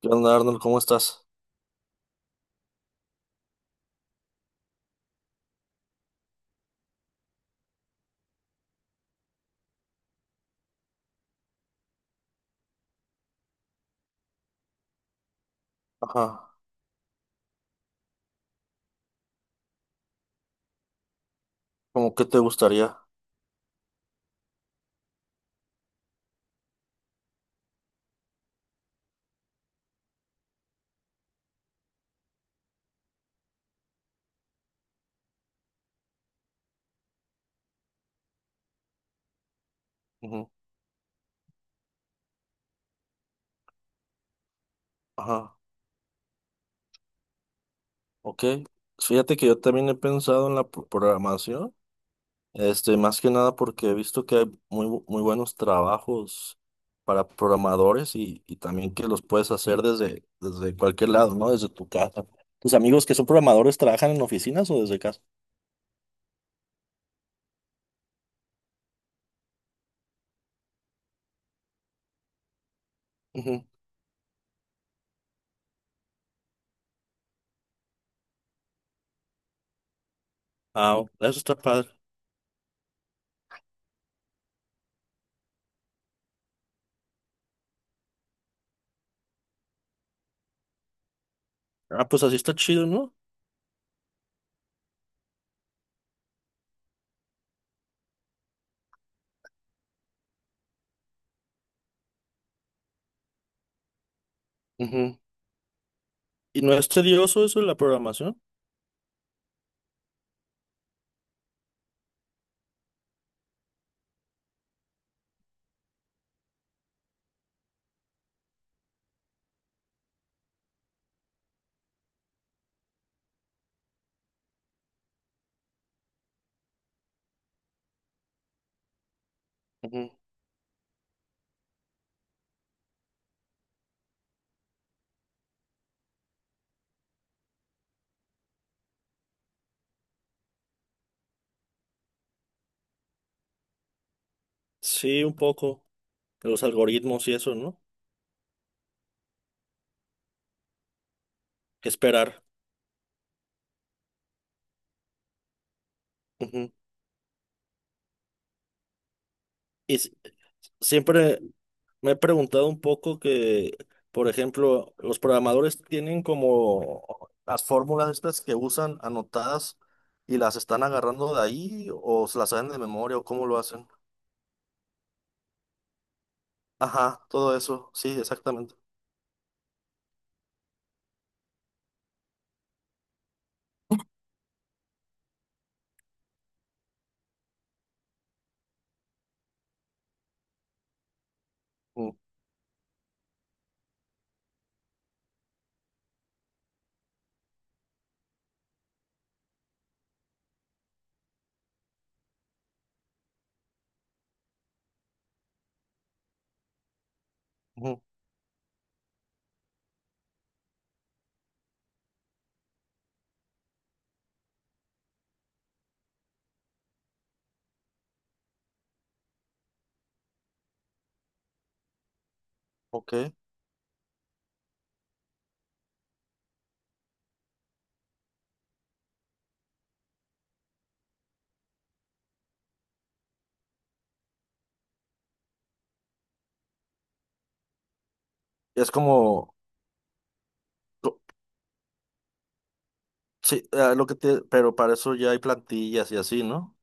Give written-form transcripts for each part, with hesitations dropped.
¿Qué onda, Arnold? ¿Cómo estás? Ajá. ¿Cómo qué te gustaría? Ujú. Ajá. Ok. Fíjate que yo también he pensado en la programación. Este, más que nada porque he visto que hay muy buenos trabajos para programadores y, también que los puedes hacer desde cualquier lado, ¿no? Desde tu casa. ¿Tus amigos que son programadores trabajan en oficinas o desde casa? Ujú. Ah, eso está padre. Ah, pues así está chido, ¿no? Ujú. ¿Y no es tedioso eso de la programación? Ujú. Sí, un poco. De los algoritmos y eso, ¿no? Que esperar. Ujú. Y si- Siempre me he preguntado un poco que, por ejemplo, los programadores tienen como las fórmulas estas que usan anotadas y las están agarrando de ahí o se las saben de memoria o cómo lo hacen. Ajá, todo eso, sí, exactamente. Mm, ujú. Ok. Es como, co- sí, lo que te, pero para eso ya hay plantillas y así, ¿no?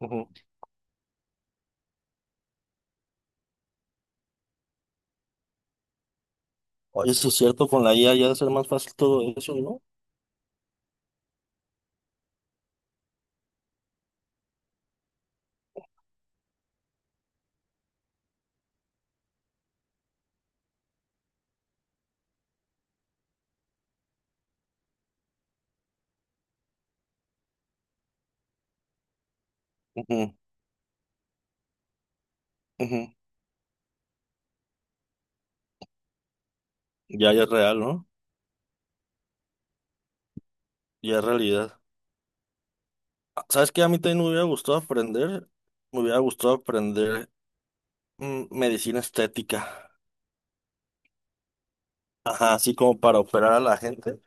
Ujú. Oye, sí es cierto, con la IA ya debe ser más fácil todo eso, ¿no? Ujú, ujú. Ya, ya es real, ¿no? Ya es realidad. Ah, ¿sabes qué? A mí también me hubiera gustado aprender, me hubiera gustado aprender medicina estética. Ajá, así como para operar a la gente.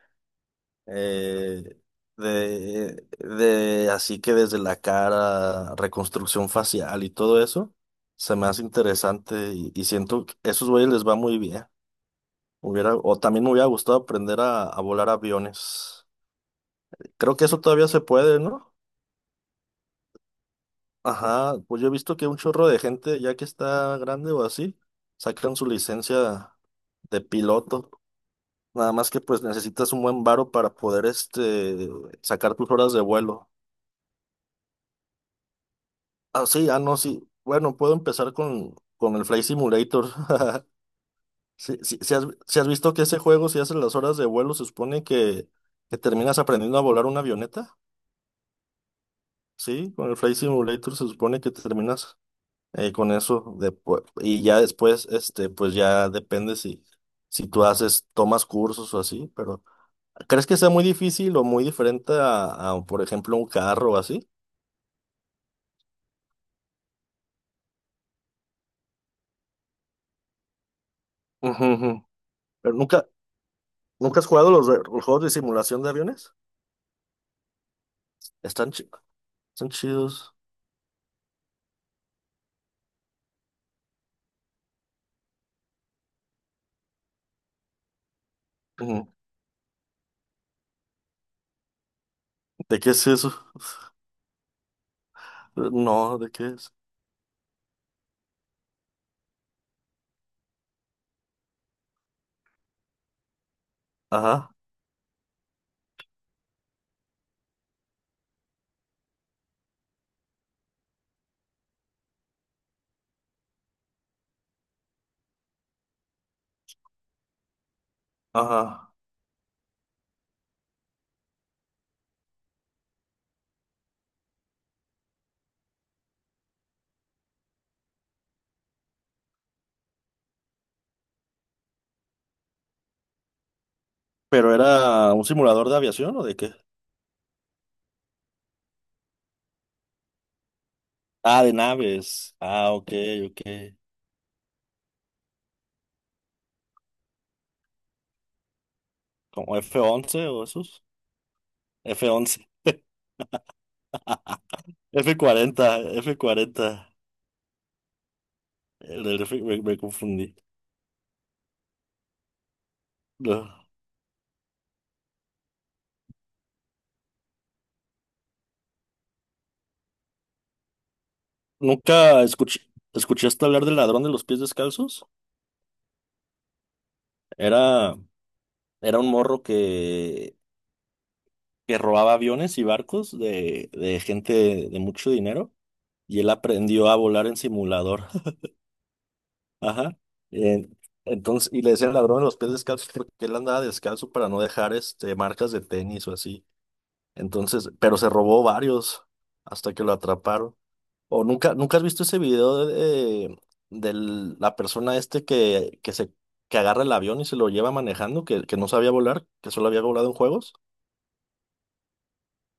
Eh, así que desde la cara, reconstrucción facial y todo eso, se me hace interesante y siento que a esos güeyes les va muy bien. Hubiera, o también me hubiera gustado aprender a volar aviones. Creo que eso todavía se puede, ¿no? Ajá, pues yo he visto que un chorro de gente, ya que está grande o así, sacan su licencia de piloto. Nada más que pues necesitas un buen varo para poder este sacar tus horas de vuelo. Ah, sí, ah, no, sí. Bueno, puedo empezar con el Flight Simulator. Si has, si has visto que ese juego, si haces las horas de vuelo, se supone que terminas aprendiendo a volar una avioneta. Sí, con el Flight Simulator se supone que terminas con eso después y ya después este pues ya depende si si tú haces tomas cursos o así pero ¿crees que sea muy difícil o muy diferente por ejemplo un carro o así? Ujú, ujú. Pero nunca has jugado los juegos de simulación de aviones? Están chi- Están chidos. Ujú. ¿De qué es eso? No, ¿de qué es? Ajá, ajá. ¿Pero era un simulador de aviación o de qué? Ah, de naves. Ah, ok, ok. ¿Como F once o esos? F once. F cuarenta, el del F me confundí. No. ¿Nunca escuché, ¿Escuchaste hablar del ladrón de los pies descalzos? Era, Era un morro que robaba aviones y barcos de gente de mucho dinero y él aprendió a volar en simulador. Ajá. Eh, entonces, y le decían ladrón de los pies descalzos porque él andaba descalzo para no dejar este, marcas de tenis o así. Entonces, pero se robó varios hasta que lo atraparon. O nunca has visto ese video de la persona este que se que agarra el avión y se lo lleva manejando, que no sabía volar, que solo había volado en juegos.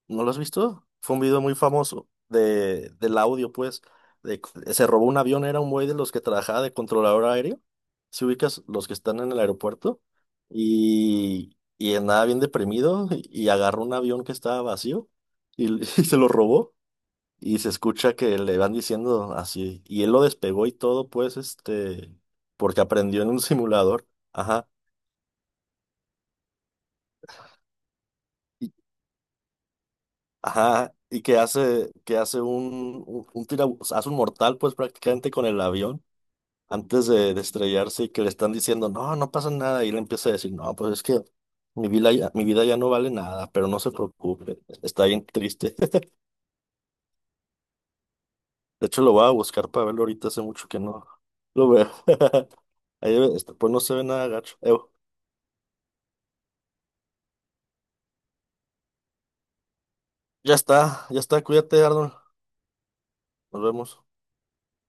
¿No lo has visto? Fue un video muy famoso de, del audio, pues, de, se robó un avión, era un güey de los que trabajaba de controlador aéreo. Si ubicas los que están en el aeropuerto, y andaba bien deprimido, y agarró un avión que estaba vacío y y se lo robó. Y se escucha que le van diciendo así. Y él lo despegó y todo, pues, este, porque aprendió en un simulador. Ajá. y- Ajá. Y que que hace un o sea, hace un mortal, pues, prácticamente con el avión antes de estrellarse y que le están diciendo, no, no pasa nada. Y él empieza a decir, no, pues es que mi vida ya no vale nada, pero no se preocupe. Está bien triste. De hecho, lo voy a buscar para verlo ahorita. Hace mucho que no lo veo. Ahí, este, pues no se ve nada gacho. Ya está, cuídate, Arnold. Nos vemos.